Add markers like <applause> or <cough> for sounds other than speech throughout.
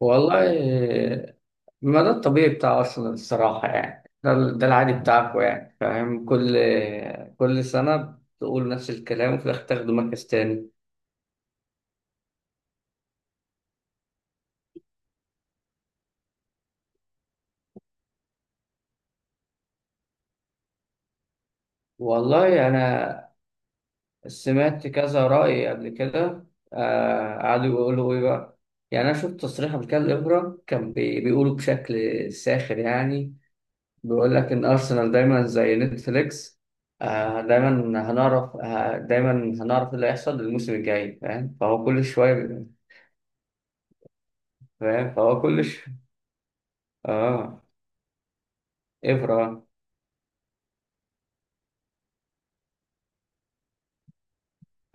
والله إيه، ما ده الطبيعي بتاع أرسنال الصراحة، يعني ده العادي بتاعكم، يعني فاهم؟ كل سنة بتقول نفس الكلام، وفي الآخر تاخدوا مركز تاني. والله أنا سمعت كذا رأي قبل كده. آه، قعدوا يقولوا إيه بقى؟ يعني أنا شفت تصريح قبل كده لإبرة، كان بيقولوا بشكل ساخر، يعني بيقول لك إن أرسنال دايما زي نتفليكس. آه دايما آه دايما هنعرف إيه اللي هيحصل الموسم الجاي، فاهم؟ فهو كل شوية بي- فاهم فهو كل ش... آه، إبرة.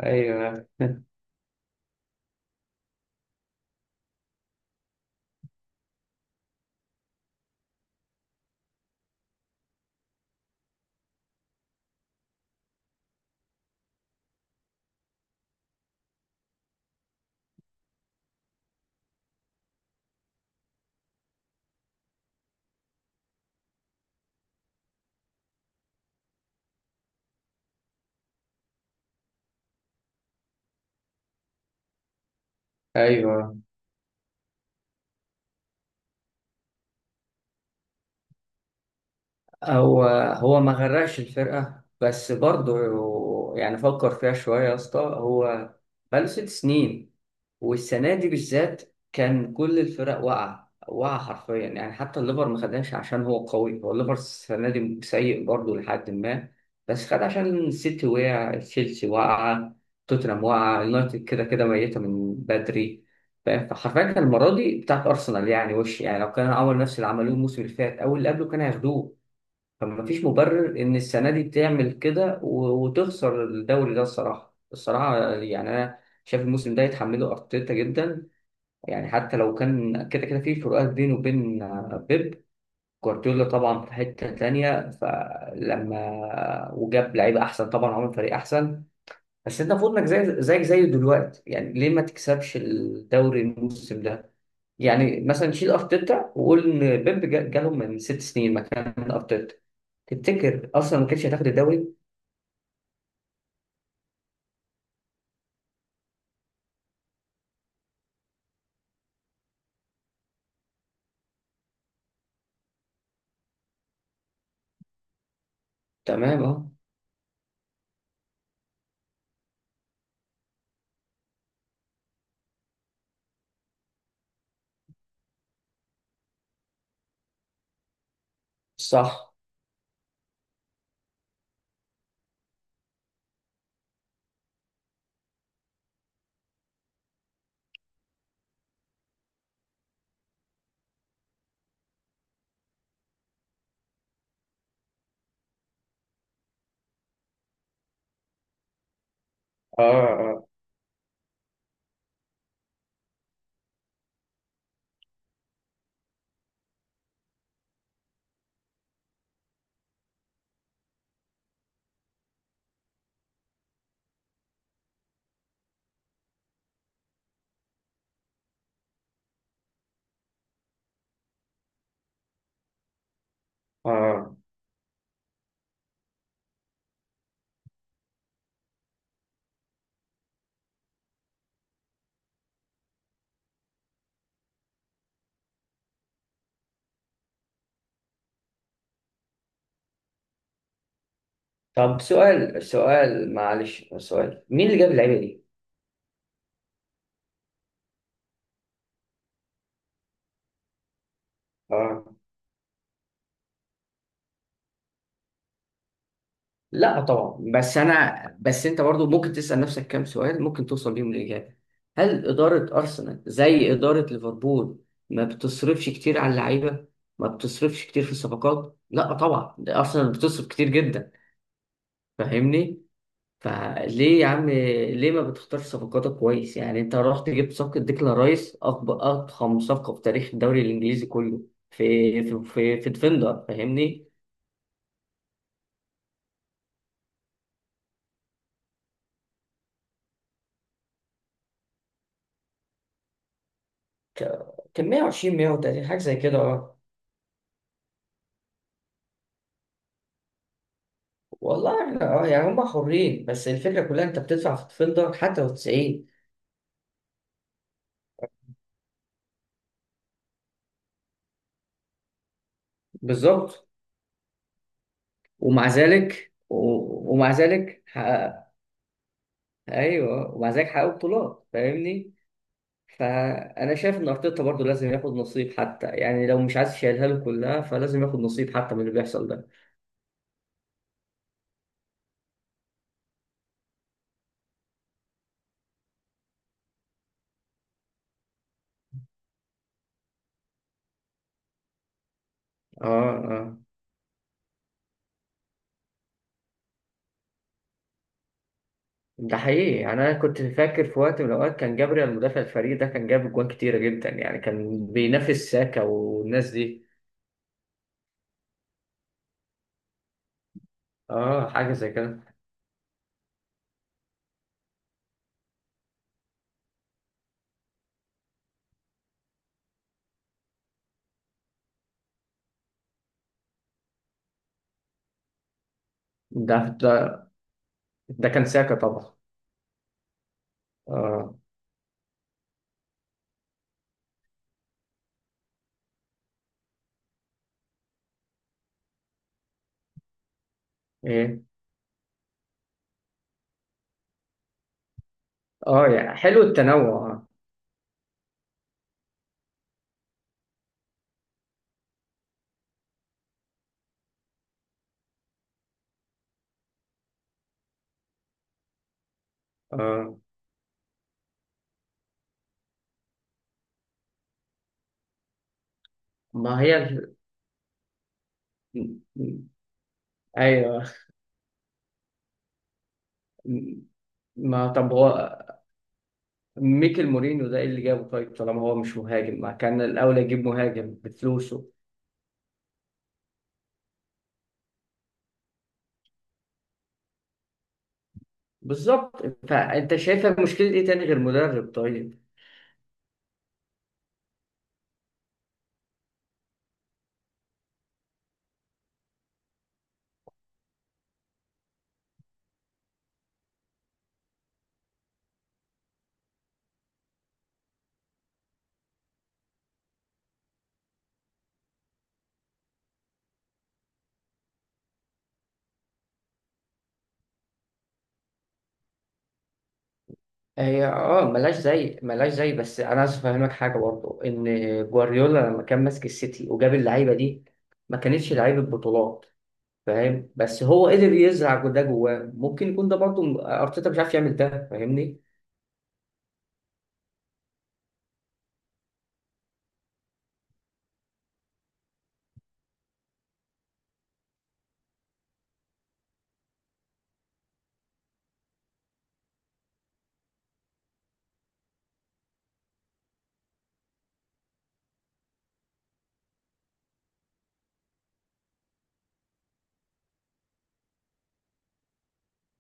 أيوه. <laughs> أيوه. هو هو ما غرقش الفرقة، بس برضه يعني فكر فيها شوية يا اسطى. هو بقاله 6 سنين، والسنة دي بالذات كان كل الفرق واقعة واقعة حرفيا، يعني حتى الليفر ما خدهاش عشان هو الليفر السنة دي سيء برضه، لحد ما بس خد عشان السيتي وقع، تشيلسي واقعة، توتنهام واقعة، اليونايتد كده كده ميتة من بدري، فاهم؟ فحرفيا كان المرة دي بتاعت أرسنال، يعني وش، يعني لو كان عمل نفس اللي عملوه الموسم اللي فات أو اللي قبله كان هياخدوه. فمفيش مبرر إن السنة دي تعمل كده و- وتخسر الدوري ده. الصراحة يعني أنا شايف الموسم ده يتحمله أرتيتا جدا، يعني حتى لو كان كده كده في فروقات بينه وبين بيب جوارديولا، طبعا في حتة تانية فلما وجاب لعيبة أحسن طبعا عمل فريق أحسن. بس أنت المفروض إنك زيك زيه دلوقتي، يعني ليه ما تكسبش الدوري الموسم ده؟ يعني مثلا شيل أرتيتا وقول إن بيب جالهم من 6 سنين مكان أرتيتا، تفتكر اصلا ما كانتش هتاخد الدوري؟ تمام، اه، صح، اه، اه، اه. طب سؤال، معلش، سؤال، مين اللي جاب اللعيبه دي؟ اه، لا طبعا، بس انا بس انت برضو ممكن تسال نفسك كام سؤال ممكن توصل بيهم للاجابه. هل اداره ارسنال زي اداره ليفربول ما بتصرفش كتير على اللعيبه، ما بتصرفش كتير في الصفقات؟ لا طبعا، ده ارسنال بتصرف كتير جدا، فاهمني؟ فليه يا عم، ليه ما بتختارش صفقاتك كويس؟ يعني انت رحت جبت صفقة ديكلان رايس، اكبر اضخم صفقة في تاريخ الدوري الانجليزي كله، في ديفندر، فاهمني؟ ك- كان 120، 130، حاجة زي كده، اه. والله احنا، يعني هم حرين، بس الفكرة كلها انت بتدفع في ديفندر حتى لو 90. بالظبط. ومع ذلك حقق. ايوه، ومع ذلك حققوا بطولات، فاهمني؟ فانا شايف ان ارتيتا برضه لازم ياخد نصيب، حتى يعني لو مش عايز يشيلها له كلها فلازم ياخد نصيب حتى من اللي بيحصل ده. اه، اه. ده حقيقي، يعني انا كنت فاكر في وقت من الاوقات كان جابريال المدافع الفريق ده كان جاب اجوان كتيره جدا، يعني كان بينافس ساكا والناس دي. اه، حاجه زي كده. ده ده, ده كان ساكا طبعا. اه، ايه، اه، يعني حلو التنوع. اه. ما هي ال... ايوه. ما طب هو ميكل مورينيو ده ايه اللي جابه؟ طيب طالما هو مش مهاجم، ما كان الاولى يجيب مهاجم بفلوسه؟ بالظبط، فانت شايفها مشكله ايه تاني غير مدرب طيب؟ هي، ملاش زي بس انا عايز افهمك حاجه برضه، ان جوارديولا لما كان ماسك السيتي وجاب اللعيبه دي، ما كانتش لعيبه بطولات، فاهم؟ بس هو قدر يزرع ده جواه، ممكن يكون ده برضه ارتيتا مش عارف يعمل ده، فاهمني؟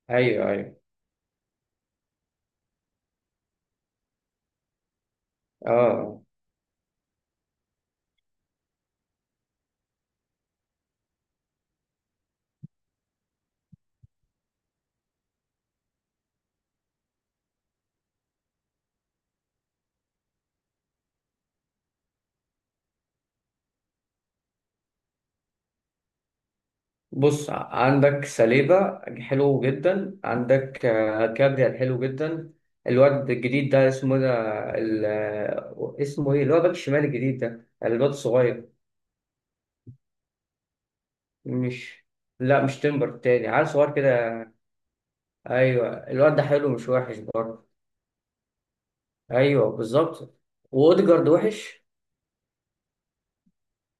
ايوه، ايوه، اه. بص، عندك سليبة حلو جدا، عندك كابريا حلو جدا. الواد الجديد ده اسمه ده، اسمه ايه اللي هو باك الشمال الجديد ده الواد الصغير؟ مش لا، مش تمبر، تاني عيل صغير كده. ايوه، الواد ده حلو مش وحش برضه. ايوه، بالظبط. واوديجارد وحش.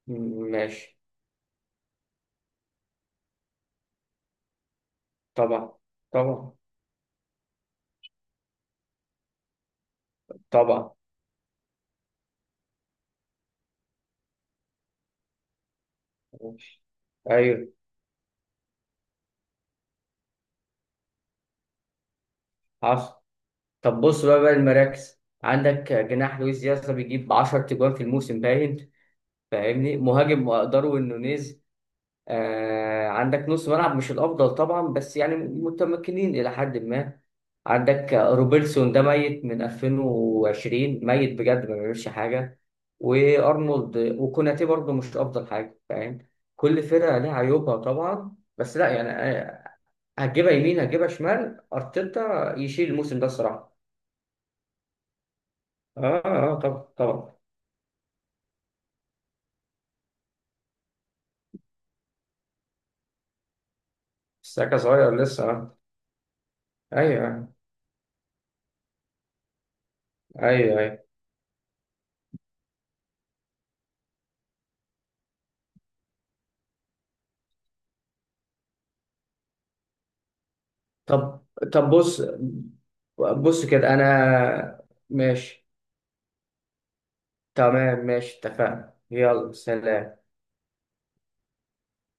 ماشي. طبعا، طبعا، طبعا، ماشي. ايوه. حصل. طب بص بقى المراكز، عندك جناح لويس دياز بيجيب 10 تجوان في الموسم باين، فاهمني؟ مهاجم داروين نونيز، عندك نص ملعب مش الافضل طبعا بس يعني متمكنين الى حد ما. عندك روبرتسون ده ميت من 2020، ميت بجد ما بيعملش حاجه، وارنولد وكوناتي برضه مش افضل حاجه، فاهم؟ كل فرقه ليها عيوبها طبعا، بس لا يعني هتجيبها يمين هتجيبها شمال، ارتيتا يشيل الموسم ده الصراحه. اه، اه، طبعا، طبعا. الساكة صغير لسه، اه، ايوه، آه. ايوه، ايوه، طب طب، بص كده، انا ماشي، تمام ماشي، اتفقنا، يلا سلام.